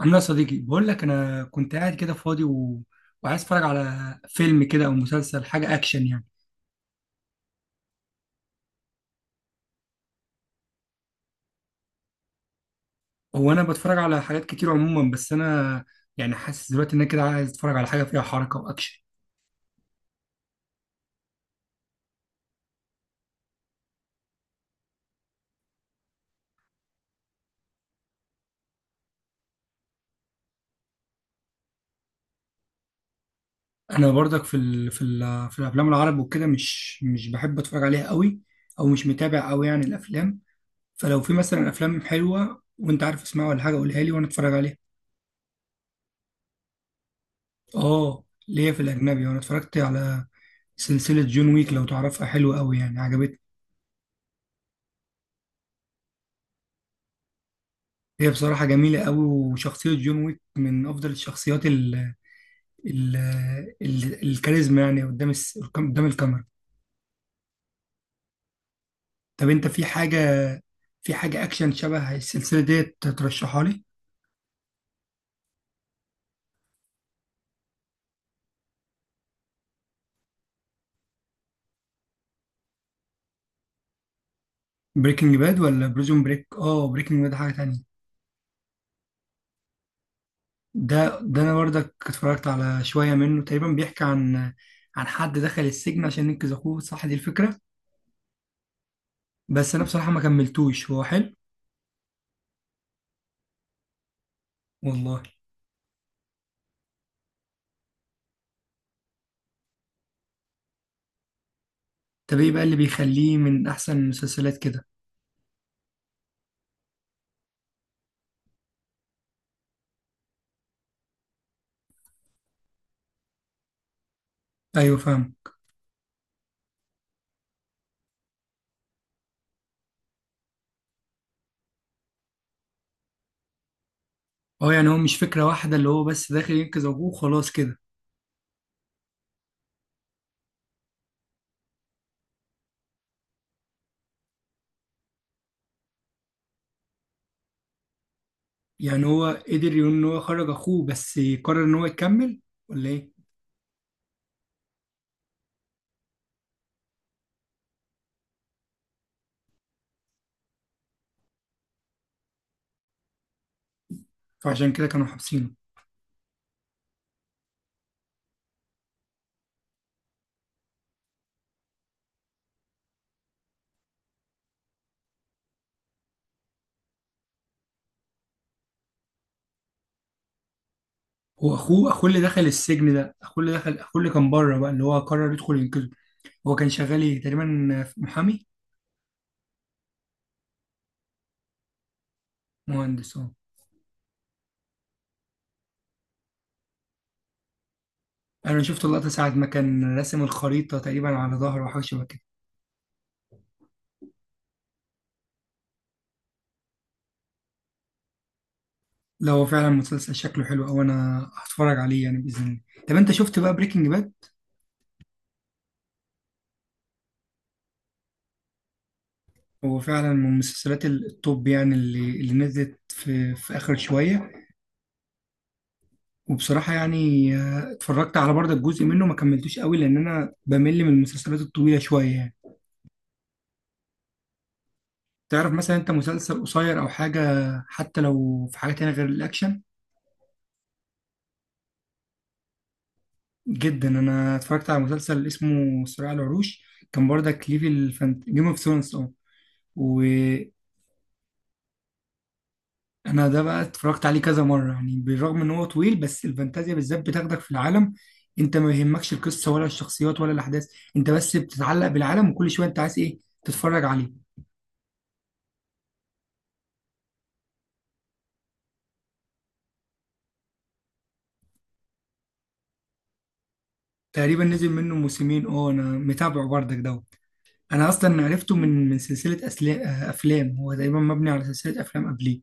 عامل ايه يا صديقي، بقول لك انا كنت قاعد كده فاضي وعايز اتفرج على فيلم كده او مسلسل، حاجه اكشن يعني. هو انا بتفرج على حاجات كتير عموما، بس انا يعني حاسس دلوقتي ان انا كده عايز اتفرج على حاجه فيها حركه واكشن. انا برضك في الافلام العرب وكده مش بحب اتفرج عليها قوي، او مش متابع قوي يعني الافلام. فلو في مثلا افلام حلوه وانت عارف اسمها ولا حاجه قولها لي وانا اتفرج عليها. اه، ليا في الاجنبي، وانا اتفرجت على سلسله جون ويك، لو تعرفها حلوه قوي يعني، عجبتني. هي بصراحة جميلة قوي، وشخصية جون ويك من أفضل الشخصيات ال ال ال الكاريزما يعني قدام قدام الكاميرا. طب أنت في حاجة، في حاجة أكشن شبه السلسلة ديت ترشحها لي؟ بريكنج باد ولا بريزون بريك؟ آه، بريكنج باد حاجة تانية. ده أنا برضك اتفرجت على شوية منه، تقريبا بيحكي عن عن حد دخل السجن عشان ينقذ أخوه، صح دي الفكرة؟ بس أنا بصراحة ما كملتوش، هو حلو. والله. طب إيه بقى اللي بيخليه من أحسن المسلسلات كده؟ أيوه فاهم. اه يعني هو مش فكرة واحدة اللي هو بس داخل ينقذ أبوه وخلاص كده؟ يعني هو قدر يقول إن هو خرج أخوه بس قرر إن هو يكمل ولا إيه؟ فعشان كده كانوا حابسينه. هو أخوه، أخوه اللي دخل السجن ده، أخوه اللي دخل، أخوه اللي كان بره بقى اللي هو قرر يدخل ينقذه؟ هو كان شغال إيه تقريبا، في محامي؟ مهندس، أه. أنا شفت اللقطة ساعة ما كان راسم الخريطة تقريبا على ظهره أو حاجة شبه كده. لا هو فعلا مسلسل شكله حلو أوي، أنا هتفرج عليه يعني بإذن الله. طب أنت شفت بقى بريكنج باد؟ هو فعلا من مسلسلات التوب يعني، اللي, اللي نزلت في, في آخر شوية. وبصراحة يعني اتفرجت على برضه جزء منه، ما كملتوش قوي لأن أنا بمل من المسلسلات الطويلة شوية يعني. تعرف مثلا أنت مسلسل قصير أو حاجة، حتى لو في حاجة تانية غير الأكشن. جدا، أنا اتفرجت على مسلسل اسمه صراع العروش، كان برضك ليه في جيم اوف ثرونز. اه، انا ده بقى اتفرجت عليه كذا مره يعني، بالرغم ان هو طويل، بس الفانتازيا بالذات بتاخدك في العالم. انت ما يهمكش القصه ولا الشخصيات ولا الاحداث، انت بس بتتعلق بالعالم، وكل شويه انت عايز ايه تتفرج عليه. تقريبا نزل منه موسمين، اه انا متابعه برضك دوت. انا اصلا عرفته من من سلسله أسلا- آه، افلام، هو تقريبا مبني على سلسله افلام قبليه.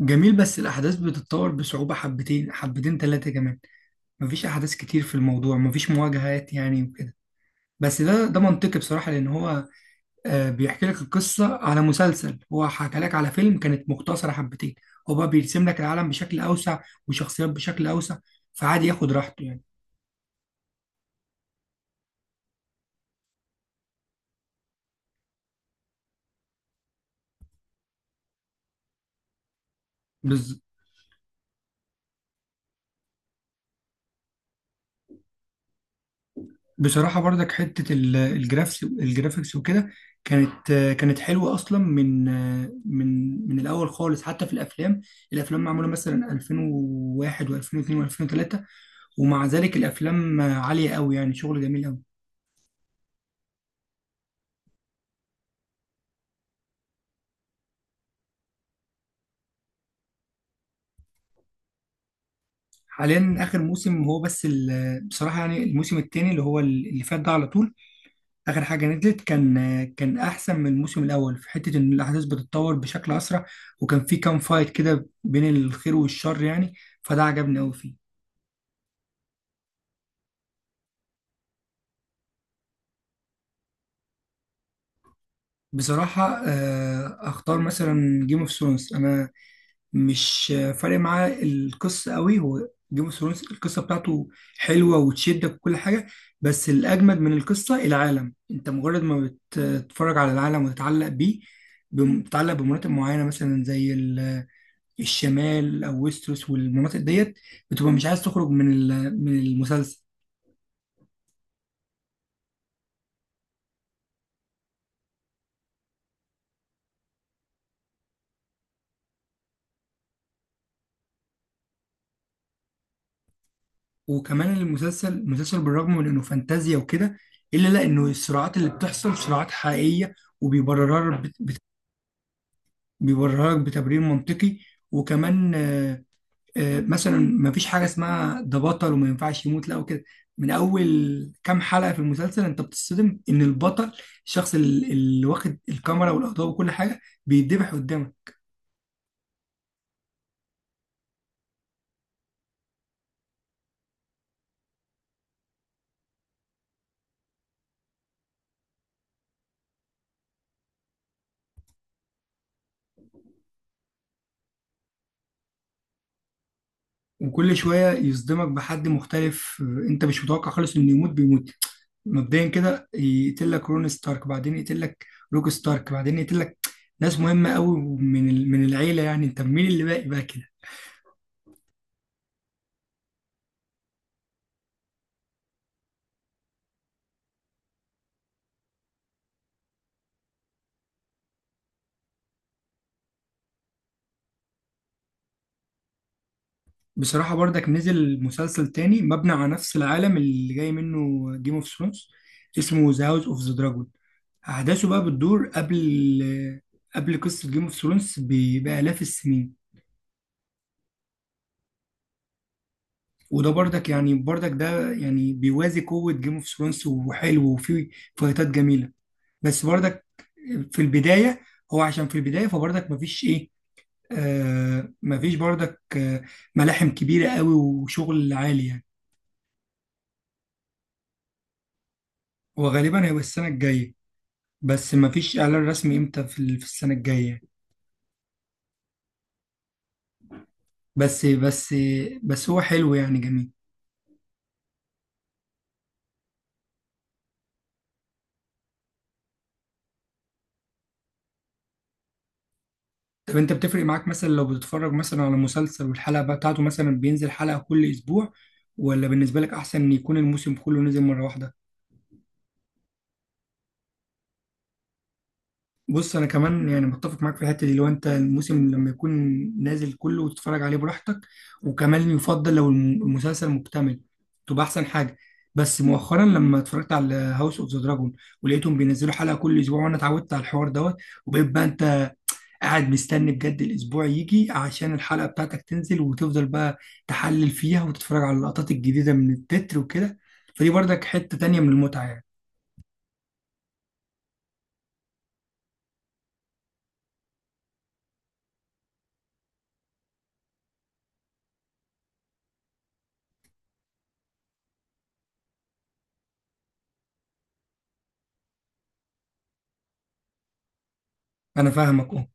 جميل، بس الاحداث بتتطور بصعوبه حبتين، حبتين ثلاثه كمان. مفيش احداث كتير في الموضوع، مفيش مواجهات يعني وكده. بس ده منطقي بصراحه، لان هو بيحكي لك القصة على مسلسل، هو حكى لك على فيلم كانت مختصرة حبتين. هو بقى بيرسم لك العالم بشكل أوسع، وشخصيات بشكل أوسع، فعادي ياخد راحته يعني. بز... بصراحة برضك حتة ال- الجرافس الجرافيكس وكده كانت كانت حلوة أصلا من من الأول خالص، حتى في الأفلام. الأفلام معمولة مثلا 2001 و2002 و2003، ومع ذلك الأفلام عالية أوي يعني، شغل جميل أوي. حاليا اخر موسم هو بس بصراحه يعني الموسم الثاني اللي هو اللي فات ده، على طول اخر حاجه نزلت، كان كان احسن من الموسم الاول في حته ان الاحداث بتتطور بشكل اسرع، وكان في كام فايت كده بين الخير والشر يعني، فده عجبني قوي فيه. بصراحه اختار مثلا جيم اوف ثرونز، انا مش فارق معايا القصه قوي، هو جيم اوف ثرونز القصه بتاعته حلوه وتشدك وكل حاجه، بس الاجمد من القصه العالم. انت مجرد ما تتفرج على العالم وتتعلق بيه، بتتعلق بمناطق معينة مثلا زي الشمال أو ويستروس والمناطق ديت، بتبقى مش عايز تخرج من من المسلسل. وكمان المسلسل، بالرغم من إنه فانتازيا وكده، إلا لا إنه الصراعات اللي بتحصل صراعات حقيقية، وبيبررها بيبررها بتبرير منطقي. وكمان مثلا ما فيش حاجه اسمها ده بطل وما ينفعش يموت لا وكده. من اول كام حلقه في المسلسل انت بتصدم ان البطل، الشخص اللي واخد الكاميرا والاضواء وكل حاجه بيتذبح قدامك. وكل شويه يصدمك بحد مختلف انت مش متوقع خالص انه يموت بيموت. مبدئيا كده يقتل لك رون ستارك، بعدين يقتل لك روك ستارك، بعدين يقتل لك ناس مهمه قوي من من العيله، يعني انت مين اللي باقي بقى كده. بصراحة برضك نزل مسلسل تاني مبني على نفس العالم اللي جاي منه جيم اوف ثرونز، اسمه ذا هاوس اوف ذا دراجون. أحداثه بقى بتدور قبل، قبل قصة جيم اوف ثرونز بآلاف السنين. وده برضك يعني، برضك ده يعني بيوازي قوة جيم اوف ثرونز، وحلو وفيه فايتات جميلة، بس برضك في البداية، هو عشان في البداية فبرضك مفيش إيه، آه مفيش برضك آه ملاحم كبيرة قوي وشغل عالي يعني. هو غالبا هيبقى السنة الجاية، بس مفيش اعلان رسمي امتى، في في السنه الجايه. بس بس بس هو حلو يعني جميل. طب انت بتفرق معاك مثلا لو بتتفرج مثلا على مسلسل والحلقه بقى بتاعته مثلا بينزل حلقه كل اسبوع، ولا بالنسبه لك احسن ان يكون الموسم كله نزل مره واحده؟ بص انا كمان يعني متفق معاك في الحته دي، لو انت الموسم لما يكون نازل كله وتتفرج عليه براحتك، وكمان يفضل لو المسلسل مكتمل تبقى احسن حاجه. بس مؤخرا لما اتفرجت على هاوس اوف ذا دراجون، ولقيتهم بينزلوا حلقه كل اسبوع، وانا اتعودت على الحوار دوت، وبقيت بقى انت قاعد مستني بجد الاسبوع يجي عشان الحلقه بتاعتك تنزل، وتفضل بقى تحلل فيها وتتفرج على اللقطات الجديده من التتر وكده، فدي برضك حته تانيه من المتعه يعني. انا فاهمك.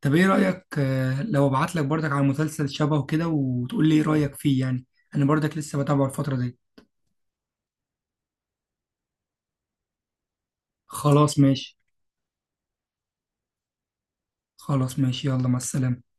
طب ايه رأيك لو ابعت لك برضك على مسلسل شبهه كده وتقول لي ايه رأيك فيه يعني، انا برضك لسه بتابعه الفترة دي. خلاص ماشي. خلاص ماشي، يلا مع السلامة.